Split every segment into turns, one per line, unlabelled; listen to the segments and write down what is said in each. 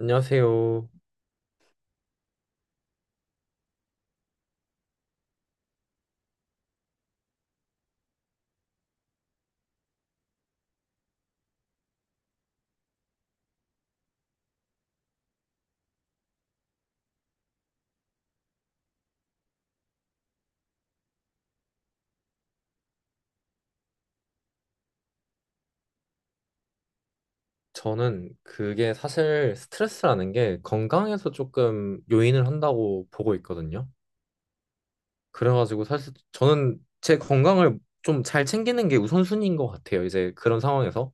안녕하세요. 저는 그게 사실 스트레스라는 게 건강에서 조금 요인을 한다고 보고 있거든요. 그래가지고 사실 저는 제 건강을 좀 잘 챙기는 게 우선순위인 것 같아요. 이제 그런 상황에서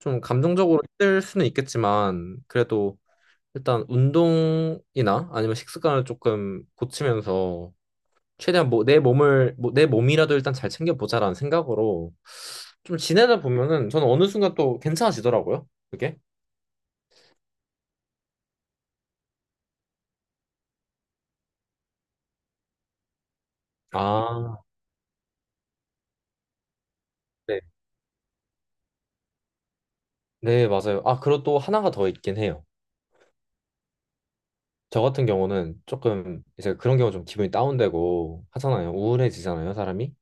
좀 감정적으로 힘들 수는 있겠지만 그래도 일단 운동이나 아니면 식습관을 조금 고치면서 최대한 뭐 내 몸을 뭐 내 몸이라도 일단 잘 챙겨보자라는 생각으로 좀 지내다 보면은 저는 어느 순간 또 괜찮아지더라고요. 그게. 아, 네. 네, 맞아요. 아, 그리고 또 하나가 더 있긴 해요. 저 같은 경우는 조금 이제 그런 경우 좀 기분이 다운되고 하잖아요. 우울해지잖아요, 사람이.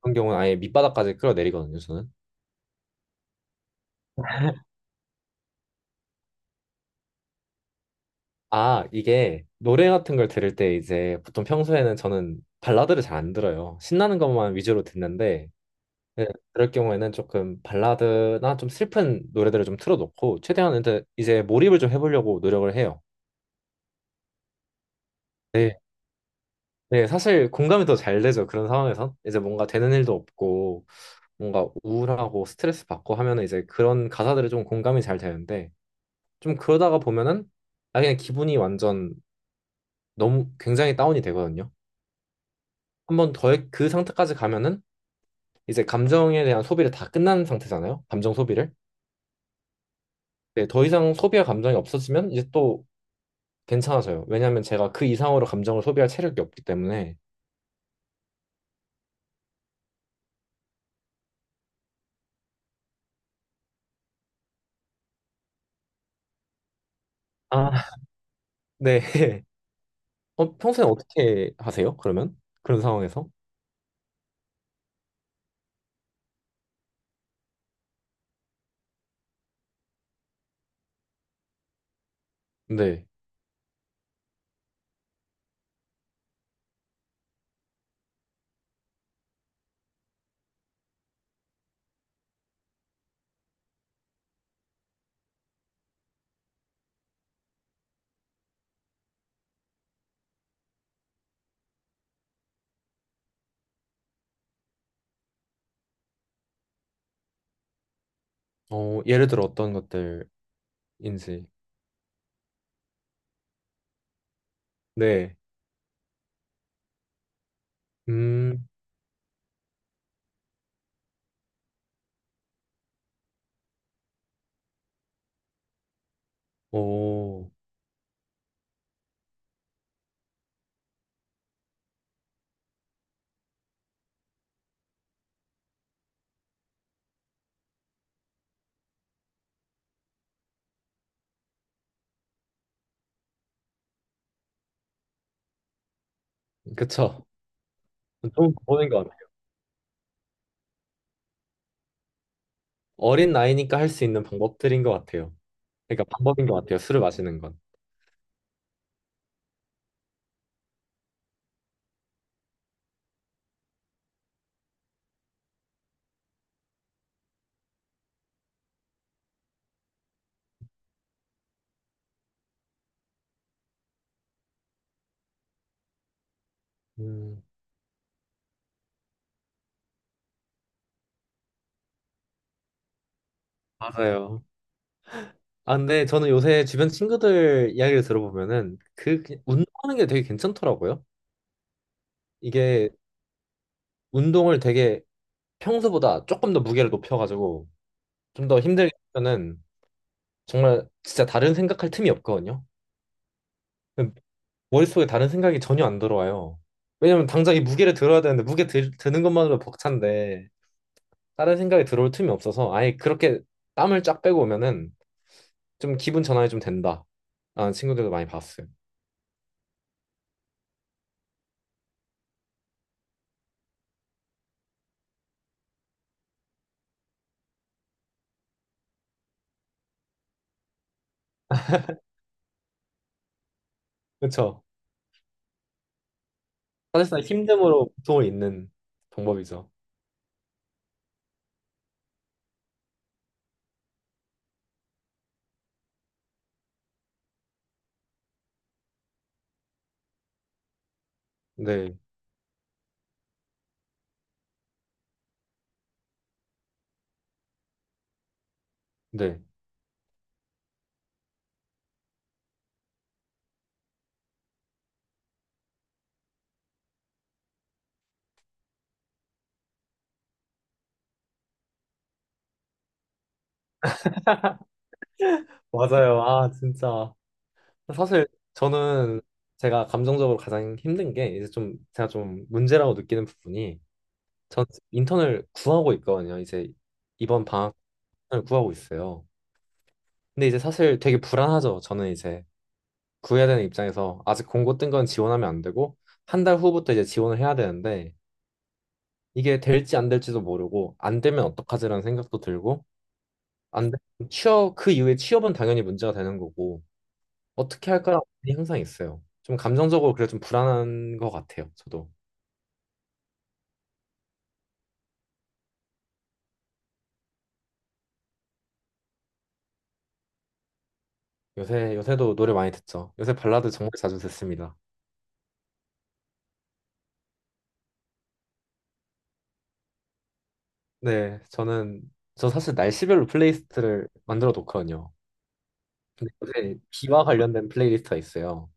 그런 경우는 아예 밑바닥까지 끌어내리거든요, 저는. 아, 이게 노래 같은 걸 들을 때 이제 보통 평소에는 저는 발라드를 잘 안 들어요. 신나는 것만 위주로 듣는데, 네, 그럴 경우에는 조금 발라드나 좀 슬픈 노래들을 좀 틀어놓고, 최대한 이제 몰입을 좀 해보려고 노력을 해요. 네, 네, 사실 공감이 더 잘 되죠. 그런 상황에선. 이제 뭔가 되는 일도 없고, 뭔가 우울하고 스트레스 받고 하면은 이제 그런 가사들이 좀 공감이 잘 되는데, 좀 그러다가 보면은, 아, 그냥 기분이 완전 너무 굉장히 다운이 되거든요. 한번 더 그 상태까지 가면은, 이제 감정에 대한 소비를 다 끝난 상태잖아요. 감정 소비를. 네, 더 이상 소비할 감정이 없어지면 이제 또 괜찮아져요. 왜냐하면 제가 그 이상으로 감정을 소비할 체력이 없기 때문에. 아, 네. 어, 평소에 어떻게 하세요? 그러면? 그런 상황에서? 네. 어, 예를 들어 어떤 것들인지. 네. 음, 오, 그쵸. 좋은 방법인 것 같아요. 어린 나이니까 할 수 있는 방법들인 것 같아요. 그러니까 방법인 것 같아요. 술을 마시는 건. 음, 맞아요. 아, 근데 저는 요새 주변 친구들 이야기를 들어보면은 그 운동하는 게 되게 괜찮더라고요. 이게 운동을 되게 평소보다 조금 더 무게를 높여가지고 좀 더 힘들게 하면은 정말 진짜 다른 생각할 틈이 없거든요. 머릿속에 다른 생각이 전혀 안 들어와요. 왜냐면 당장 이 무게를 들어야 되는데 드는 것만으로 벅찬데 다른 생각이 들어올 틈이 없어서 아예 그렇게 땀을 쫙 빼고 오면은 좀 기분 전환이 좀 된다. 라는 친구들도 많이 봤어요. 그렇죠. 사실상 힘듦으로 고통을 잇는 방법이죠. 네, 네. 맞아요. 아, 진짜. 사실 저는 제가 감정적으로 가장 힘든 게 이제 좀 제가 좀 문제라고 느끼는 부분이 전 인턴을 구하고 있거든요. 이제 이번 방학 시간을 구하고 있어요. 근데 이제 사실 되게 불안하죠. 저는 이제 구해야 되는 입장에서 아직 공고 뜬 건 지원하면 안 되고 한 달 후부터 이제 지원을 해야 되는데 이게 될지 안 될지도 모르고 안 되면 어떡하지라는 생각도 들고 안 되면 취업 그 이후에 취업은 당연히 문제가 되는 거고 어떻게 할까라는 고민이 항상 있어요. 좀 감정적으로 그래 좀 불안한 것 같아요. 저도 요새도 노래 많이 듣죠. 요새 발라드 정말 자주 듣습니다. 네, 저는 저 사실 날씨별로 플레이리스트를 만들어 놓거든요. 근데 요새 비와 관련된 플레이리스트가 있어요.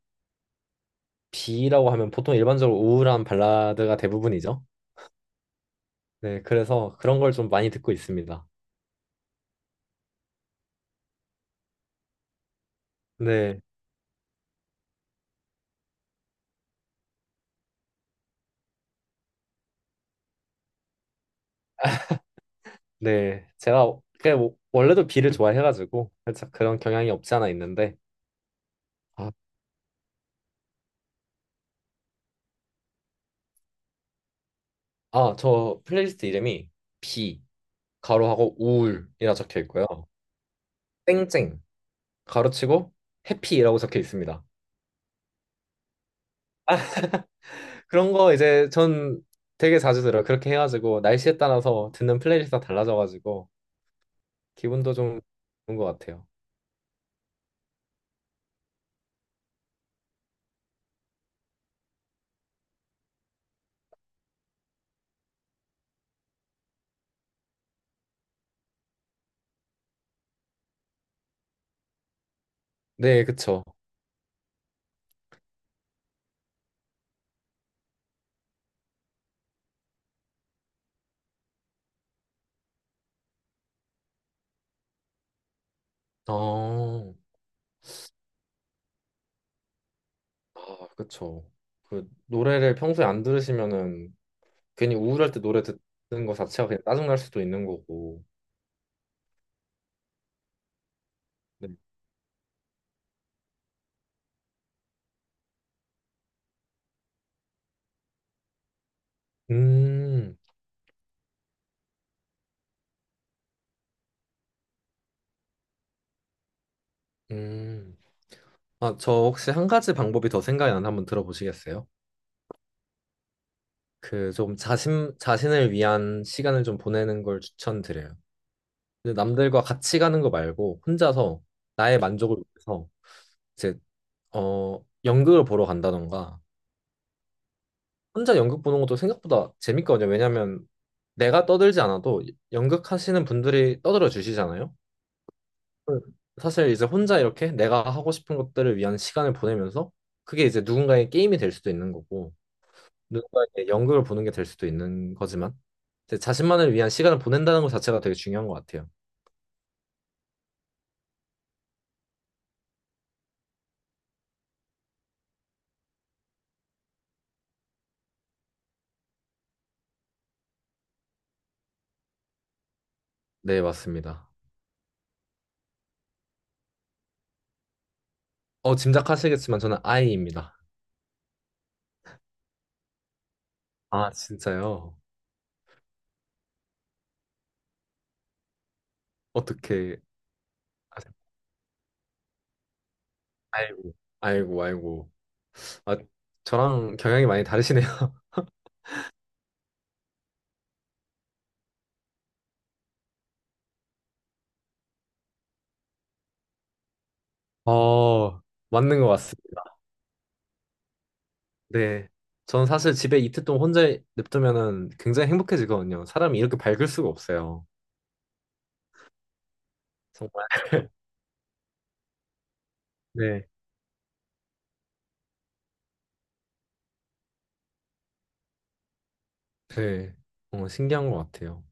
비라고 하면 보통 일반적으로 우울한 발라드가 대부분이죠. 네, 그래서 그런 걸 좀 많이 듣고 있습니다. 네, 네. 제가 그게 원래도 비를 좋아해가지고 살짝 그런 경향이 없지 않아 있는데, 아, 아, 저 플레이리스트 이름이 비, 가로하고 우울이라 적혀 있고요. 땡땡, 가로치고 해피라고 적혀 있습니다. 그런 거 이제 전 되게 자주 들어요. 그렇게 해가지고 날씨에 따라서 듣는 플레이리스트가 달라져가지고 기분도 좀 좋은 것 같아요. 네, 그쵸. 어, 아, 그쵸. 그 노래를 평소에 안 들으시면은 괜히 우울할 때 노래 듣는 거 자체가 그냥 짜증날 수도 있는 거고. 네. 음, 음. 아, 저 혹시 한 가지 방법이 더 생각이 나는데 한번 들어보시겠어요? 그 좀 자신을 위한 시간을 좀 보내는 걸 추천드려요. 근데 남들과 같이 가는 거 말고 혼자서 나의 만족을 위해서 이제 어 연극을 보러 간다던가 혼자 연극 보는 것도 생각보다 재밌거든요. 왜냐면 내가 떠들지 않아도 연극하시는 분들이 떠들어 주시잖아요. 음. 사실 이제 혼자 이렇게 내가 하고 싶은 것들을 위한 시간을 보내면서 그게 이제 누군가의 게임이 될 수도 있는 거고 누군가의 연극을 보는 게 될 수도 있는 거지만 이제 자신만을 위한 시간을 보낸다는 것 자체가 되게 중요한 것 같아요. 네, 맞습니다. 어, 짐작하시겠지만 저는 아이입니다. 아, 진짜요? 어떻게 아이고, 아이고, 아이고. 아, 저랑 경향이 많이 다르시네요. 어, 맞는 것 같습니다. 네. 저는 사실 집에 이틀 동안 혼자 냅두면은 굉장히 행복해지거든요. 사람이 이렇게 밝을 수가 없어요. 정말. 네. 네. 어, 신기한 것 같아요.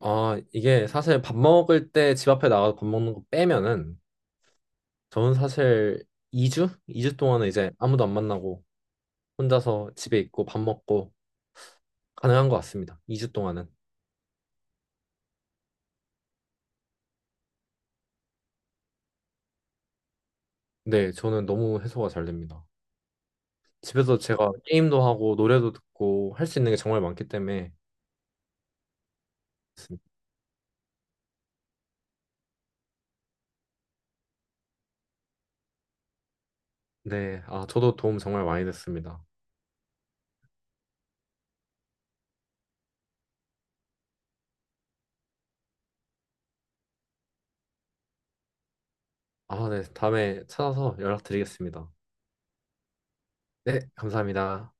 아, 이게 사실 밥 먹을 때 집 앞에 나가서 밥 먹는 거 빼면은 저는 사실 2주? 2주 동안은 이제 아무도 안 만나고 혼자서 집에 있고 밥 먹고 가능한 것 같습니다. 2주 동안은. 네, 저는 너무 해소가 잘 됩니다. 집에서 제가 게임도 하고 노래도 듣고 할 수 있는 게 정말 많기 때문에 좋습니다. 네, 아, 저도 도움 정말 많이 됐습니다. 아, 네, 다음에 찾아서 연락드리겠습니다. 네, 감사합니다.